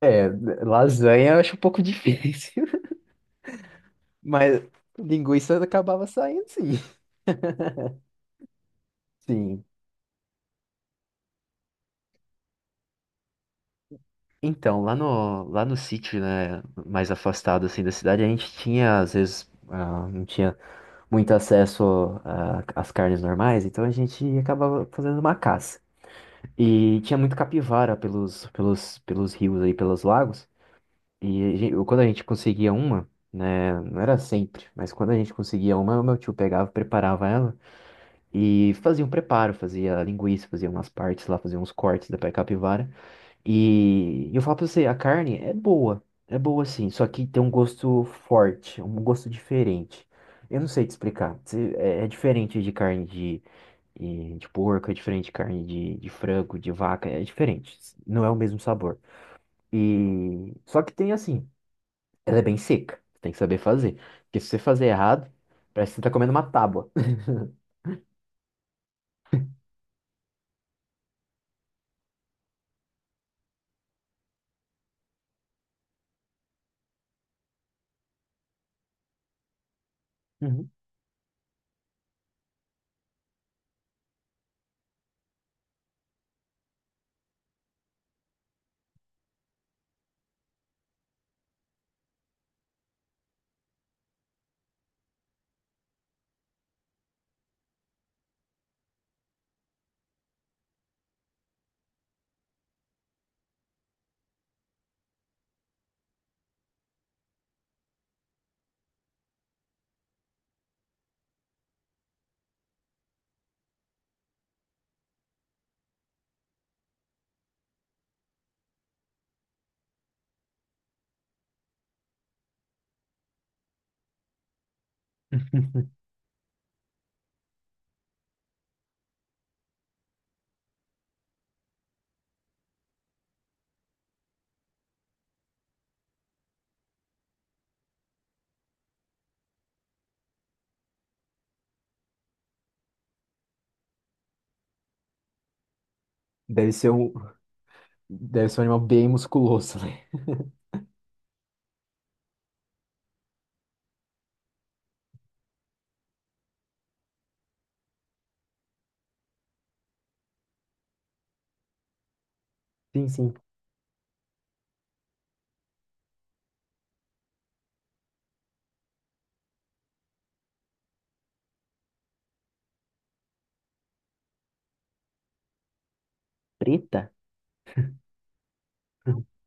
É, lasanha eu acho um pouco difícil, mas linguiça acabava saindo sim. Sim. Então, lá no sítio, né, mais afastado assim da cidade, a gente tinha, às vezes, não tinha muito acesso às carnes normais, então a gente acabava fazendo uma caça. E tinha muito capivara pelos rios aí, pelos lagos, e quando a gente conseguia uma, né, não era sempre, mas quando a gente conseguia uma, meu tio pegava, preparava ela. E fazia um preparo, fazia linguiça, fazia umas partes lá, fazia uns cortes da pé capivara. E eu falo pra você, a carne é boa sim, só que tem um gosto forte, um gosto diferente. Eu não sei te explicar, é diferente de carne de, de porco, é diferente de carne de frango, de vaca, é diferente, não é o mesmo sabor. E só que tem assim, ela é bem seca, tem que saber fazer, porque se você fazer errado, parece que você tá comendo uma tábua. Uhum. Deve ser um. Deve ser um animal bem musculoso, né? Sim, sim. Preta?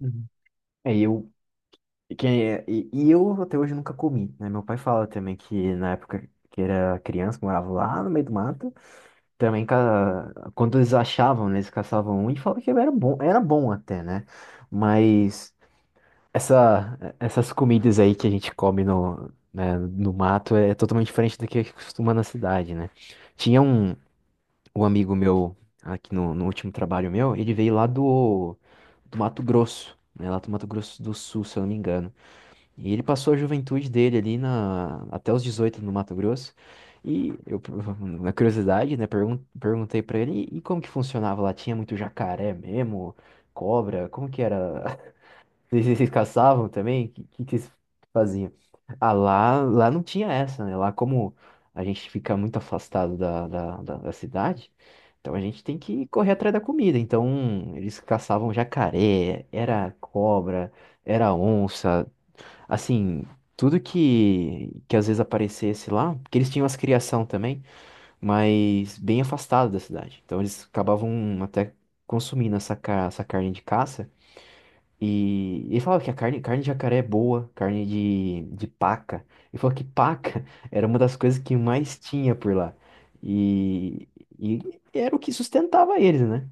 Uhum. É, e eu, que, é- e eu até hoje nunca comi, né? Meu pai fala também que na época que era criança, que morava lá no meio do mato, também quando eles achavam, né, eles caçavam um e falavam que era bom até, né? Mas essas comidas aí que a gente come no, né, no mato é totalmente diferente do que costuma na cidade, né? Tinha o amigo meu, aqui no último trabalho meu, ele veio lá do Mato Grosso, né? Lá do Mato Grosso do Sul, se eu não me engano. E ele passou a juventude dele ali até os 18 no Mato Grosso. E eu, na curiosidade, né, perguntei pra ele, e como que funcionava lá? Tinha muito jacaré mesmo? Cobra? Como que era vocês caçavam também? O que, que vocês faziam? Ah, lá não tinha essa, né? Lá como a gente fica muito afastado da cidade, então a gente tem que correr atrás da comida. Então eles caçavam jacaré, era cobra, era onça, assim, tudo que às vezes aparecesse lá, porque eles tinham as criação também, mas bem afastado da cidade. Então eles acabavam até consumindo essa carne de caça e ele falava que carne de jacaré é boa, carne de paca. Ele falou que paca era uma das coisas que mais tinha por lá. E, e era o que sustentava eles, né?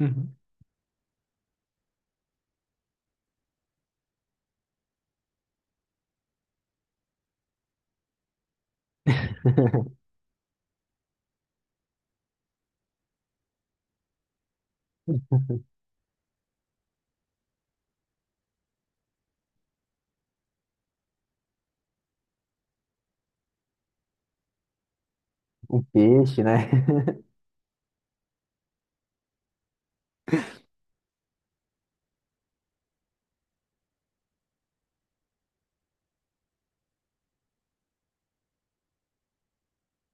Uhum. O peixe, né?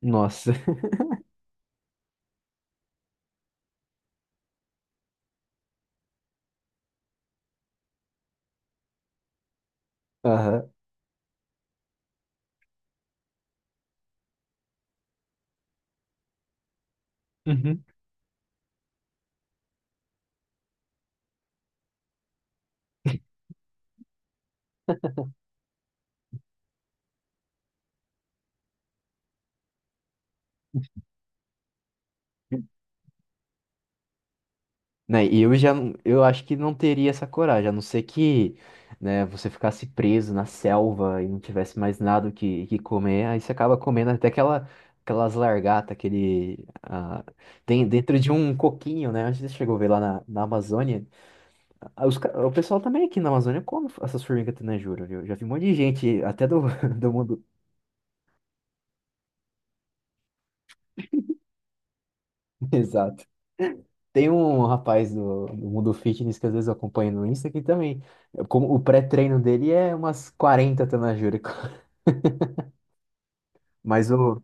Nossa. Aham. Uhum. Né, e eu já, eu acho que não teria essa coragem, a não ser que, né, você ficasse preso na selva e não tivesse mais nada o que, que comer, aí você acaba comendo até aquelas largatas, tem dentro de um coquinho, né, onde você chegou a ver lá na Amazônia. Ah, o pessoal também aqui na Amazônia come essas formigas tenejura, viu, já vi um monte de gente, até do, do mundo, exato. Tem um rapaz do mundo fitness que às vezes eu acompanho no Insta que também, como o pré-treino dele é umas 40 tenajúrico. Mas o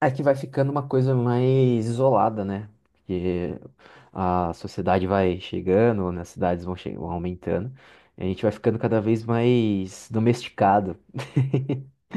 é que vai ficando uma coisa mais isolada, né? Porque a sociedade vai chegando, né? As cidades vão aumentando, e a gente vai ficando cada vez mais domesticado.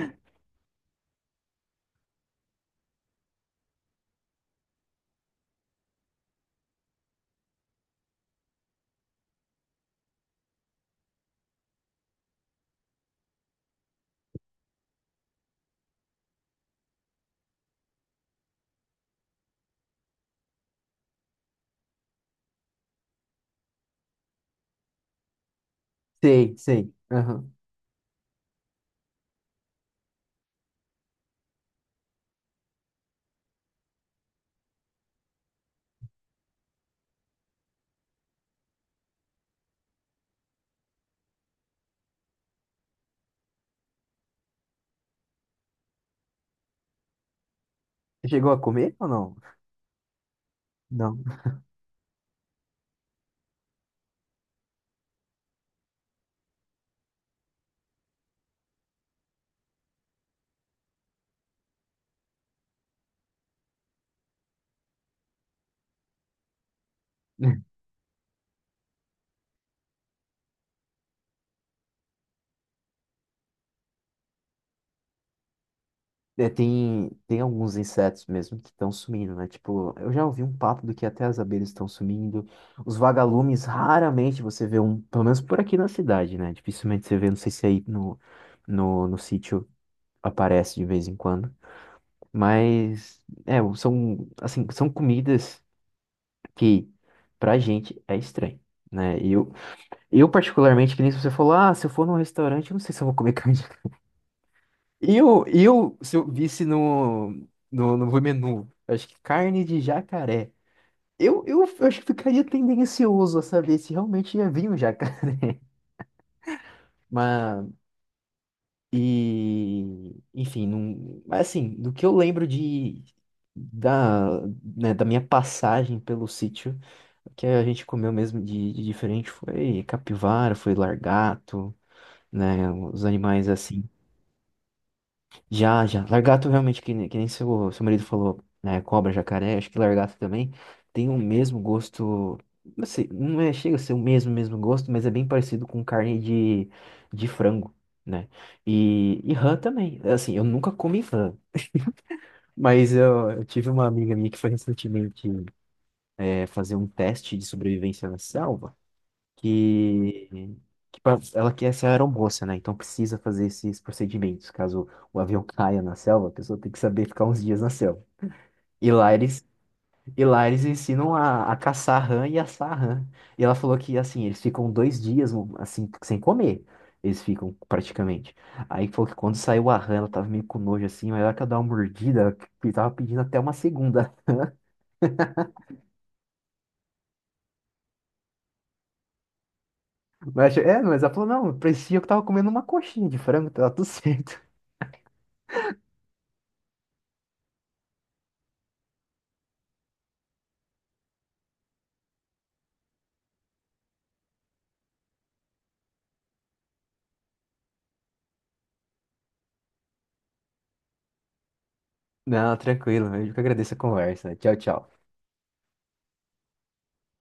Sei, sei. Aham. Você chegou a comer ou não? Não. É, tem alguns insetos mesmo que estão sumindo, né? Tipo, eu já ouvi um papo do que até as abelhas estão sumindo. Os vagalumes, raramente você vê um, pelo menos por aqui na cidade, né? Dificilmente você vê, não sei se aí no sítio aparece de vez em quando. Mas, é, são comidas que pra gente é estranho, né? Eu particularmente, que nem você falou, se eu for num restaurante, eu não sei se eu vou comer carne. Se eu visse no menu, acho que carne de jacaré. Eu acho que ficaria tendencioso a saber se realmente ia vir um jacaré. Mas, enfim, não, mas assim, do que eu lembro da, né, da minha passagem pelo sítio, o que a gente comeu mesmo de diferente foi capivara, foi largato, né, os animais assim. Já, já. Lagarto realmente, que nem seu marido falou, né? Cobra, jacaré, acho que lagarto também tem o mesmo gosto. Não sei, não é, chega a ser o mesmo, mesmo gosto, mas é bem parecido com carne de frango, né? E rã também. Assim, eu nunca comi rã, mas eu tive uma amiga minha que foi recentemente fazer um teste de sobrevivência na selva que, ela quer ser aeromoça, né? Então precisa fazer esses procedimentos. Caso o avião caia na selva, a pessoa tem que saber ficar uns dias na selva. E lá eles, e lá eles ensinam a caçar rã e assar rã. E ela falou que, assim, eles ficam dois dias, um, assim, sem comer. Eles ficam, praticamente. Aí falou que quando saiu a rã, ela tava meio com nojo, assim, mas ela que ela dá uma mordida, ela que tava pedindo até uma segunda. Mas ela falou, não, parecia que eu tava comendo uma coxinha de frango, tava tudo certo. Não, tranquilo. Eu que agradeço a conversa. Tchau, tchau.